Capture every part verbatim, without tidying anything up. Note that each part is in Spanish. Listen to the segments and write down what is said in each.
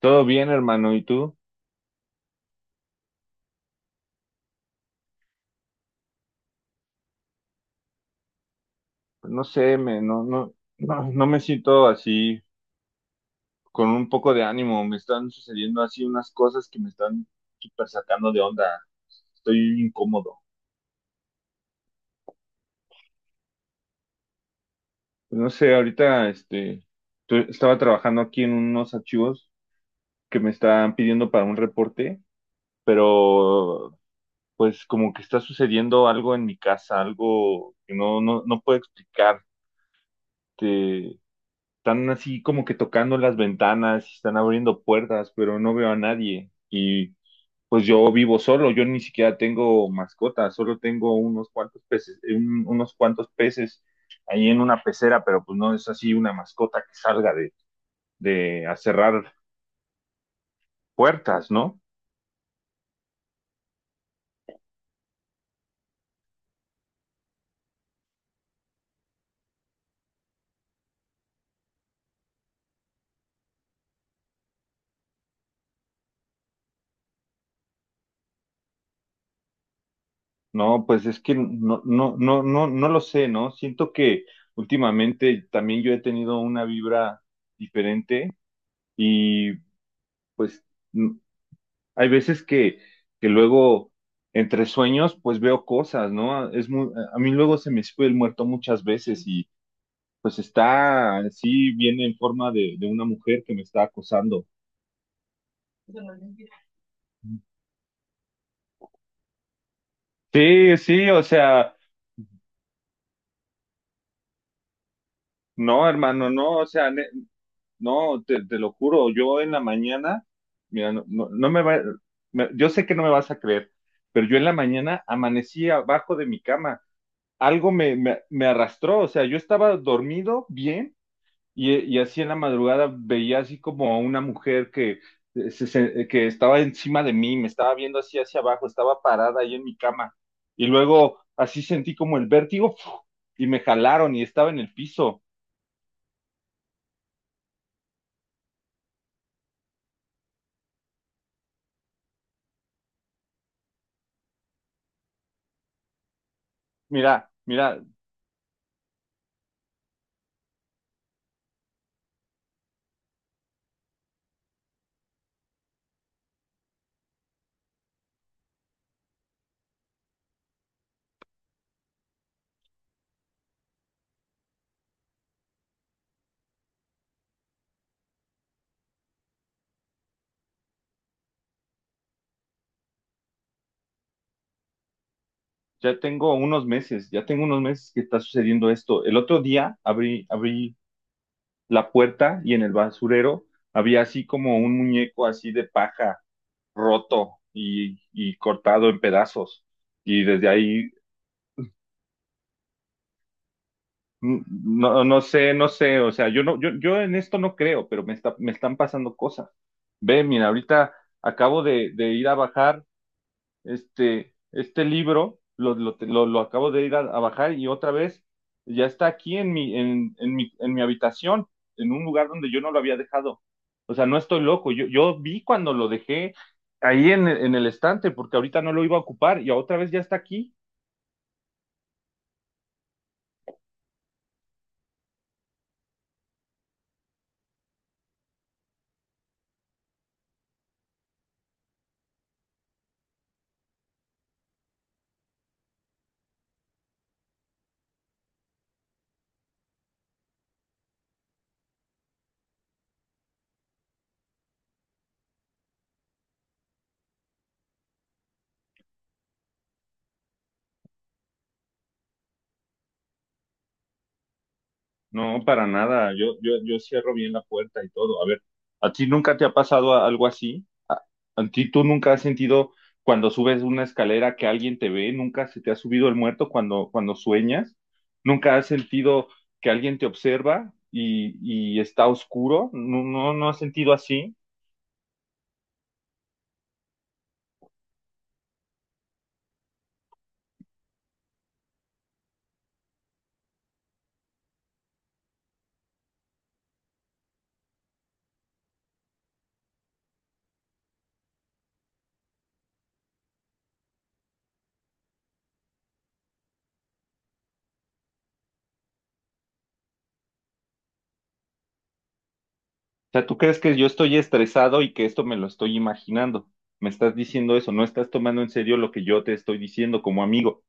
Todo bien, hermano, ¿y tú? No sé, me, no, no, no, no me siento así con un poco de ánimo. Me están sucediendo así unas cosas que me están súper sacando de onda. Estoy incómodo. Pues, no sé, ahorita este, tu- estaba trabajando aquí en unos archivos que me están pidiendo para un reporte, pero pues como que está sucediendo algo en mi casa, algo que no, no, no puedo explicar. Están así como que tocando las ventanas, están abriendo puertas, pero no veo a nadie. Y pues yo vivo solo, yo ni siquiera tengo mascota, solo tengo unos cuantos peces, un- unos cuantos peces ahí en una pecera, pero pues no es así una mascota que salga de, de a cerrar puertas, ¿no? No, pues es que no, no, no, no, no lo sé, ¿no? Siento que últimamente también yo he tenido una vibra diferente y pues hay veces que, que luego entre sueños pues veo cosas, ¿no? Es muy, a mí luego se me sube el muerto muchas veces y pues está así, viene en forma de, de una mujer que me está acosando. Sí, sí, o sea, no, hermano, no, o sea, ne- no, te, te lo juro, yo en la mañana, mira, no, no, no me va, me- yo sé que no me vas a creer, pero yo en la mañana amanecí abajo de mi cama, algo me, me, me arrastró, o sea, yo estaba dormido bien. Y, y así en la madrugada veía así como a una mujer que, eh, se- se- que estaba encima de mí, me estaba viendo así hacia abajo, estaba parada ahí en mi cama. Y luego así sentí como el vértigo ¡fu! Y me jalaron y estaba en el piso. Mira, mira, ya tengo unos meses, ya tengo unos meses que está sucediendo esto. El otro día abrí, abrí la puerta y en el basurero había así como un muñeco así de paja roto y, y cortado en pedazos. Y desde ahí. Mm, No, no sé, no sé, o sea, yo no, yo, yo en esto no creo, pero me está, me están pasando cosas. Ve, mira, ahorita acabo de, de ir a bajar este, este libro, lo, lo, lo, lo acabo de ir a, a bajar y otra vez ya está aquí en mi, en, en mi, en mi habitación, en un lugar donde yo no lo había dejado. O sea, no estoy loco, yo, yo vi cuando lo dejé ahí en, el- en el estante, porque ahorita no lo iba a ocupar y otra vez ya está aquí. No, para nada. Yo, yo, yo cierro bien la puerta y todo. A ver, ¿a ti nunca te ha pasado a- algo así? ¿A ti tú nunca has sentido cuando subes una escalera que alguien te ve? ¿Nunca se te ha subido el muerto cuando, cuando sueñas? ¿Nunca has sentido que alguien te observa y, y está oscuro? No, no, no has sentido así. O sea, ¿tú crees que yo estoy estresado y que esto me lo estoy imaginando? Me estás diciendo eso, no estás tomando en serio lo que yo te estoy diciendo como amigo.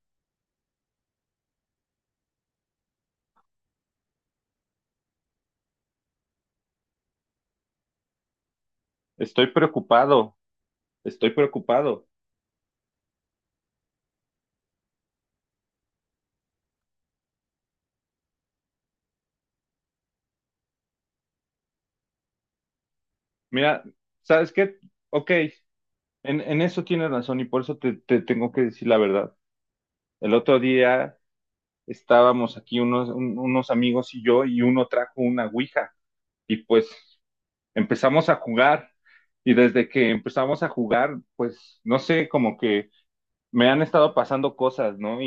Estoy preocupado, estoy preocupado. Mira, ¿sabes qué? Ok, en, en eso tienes razón y por eso te, te tengo que decir la verdad. El otro día estábamos aquí unos, un- unos amigos y yo y uno trajo una ouija y pues empezamos a jugar y desde que empezamos a jugar, pues no sé, como que me han estado pasando cosas, ¿no? Y,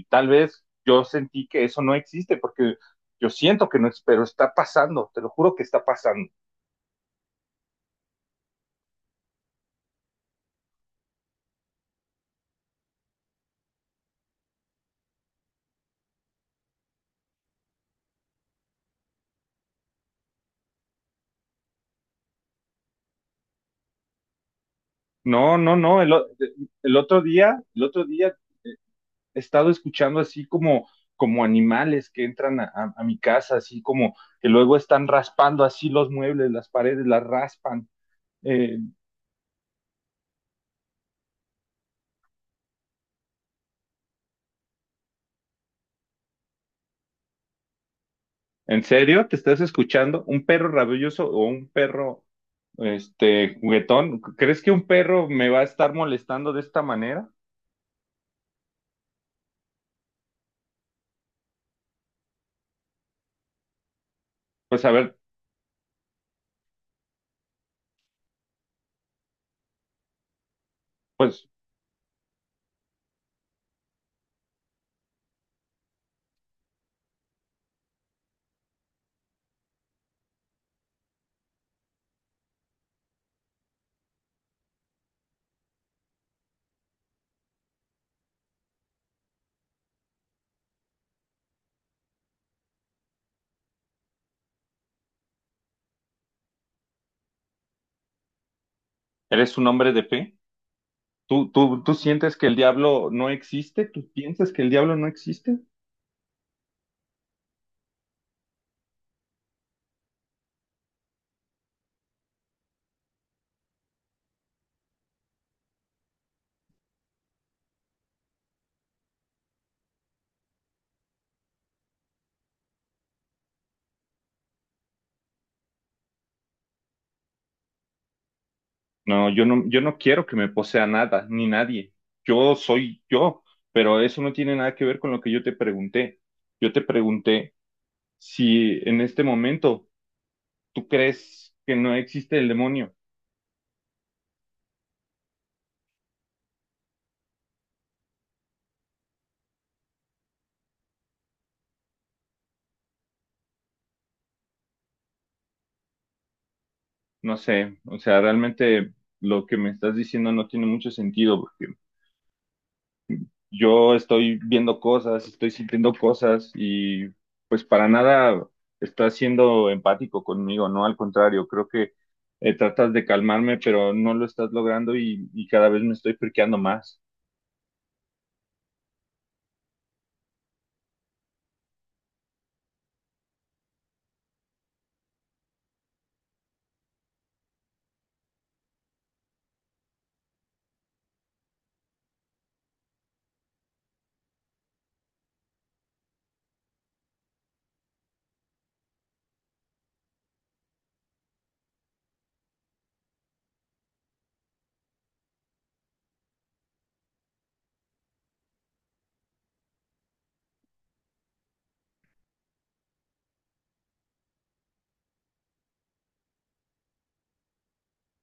y tal vez yo sentí que eso no existe porque yo siento que no es, pero está pasando, te lo juro que está pasando. No, no, no, el, o- El otro día, el otro día he estado escuchando así como, como animales que entran a, a- a mi casa, así como que luego están raspando así los muebles, las paredes, las raspan. Eh, ¿en serio? ¿Te estás escuchando? ¿Un perro rabioso o un perro, este, juguetón? ¿Crees que un perro me va a estar molestando de esta manera? Pues a ver, pues eres un hombre de fe. ¿Tú, tú, tú sientes que el diablo no existe? ¿Tú piensas que el diablo no existe? No, yo no, yo no quiero que me posea nada, ni nadie. Yo soy yo, pero eso no tiene nada que ver con lo que yo te pregunté. Yo te pregunté si en este momento tú crees que no existe el demonio. No sé, o sea, realmente lo que me estás diciendo no tiene mucho sentido. Yo estoy viendo cosas, estoy sintiendo cosas y pues para nada estás siendo empático conmigo, ¿no? Al contrario, creo que eh, tratas de calmarme, pero no lo estás logrando y, y cada vez me estoy friqueando más.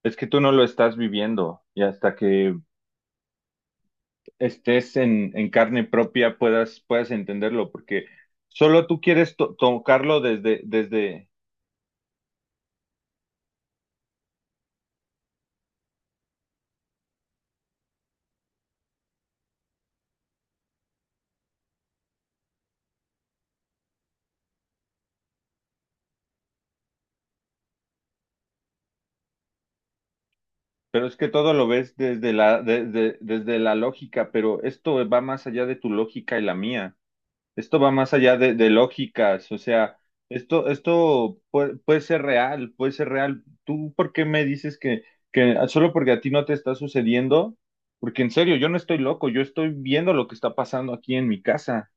Es que tú no lo estás viviendo y hasta que estés en, en carne propia puedas, puedas entenderlo, porque solo tú quieres to- tocarlo desde, desde, pero es que todo lo ves desde la, desde, desde la lógica, pero esto va más allá de tu lógica y la mía. Esto va más allá de, de lógicas, o sea, esto, esto puede, puede ser real, puede ser real. ¿Tú por qué me dices que, que solo porque a ti no te está sucediendo? Porque en serio, yo no estoy loco, yo estoy viendo lo que está pasando aquí en mi casa.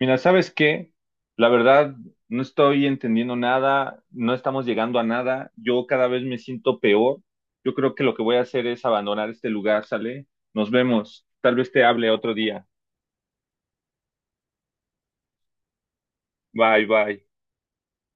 Mira, ¿sabes qué? La verdad, no estoy entendiendo nada, no estamos llegando a nada, yo cada vez me siento peor. Yo creo que lo que voy a hacer es abandonar este lugar, ¿sale? Nos vemos, tal vez te hable otro día. Bye, bye.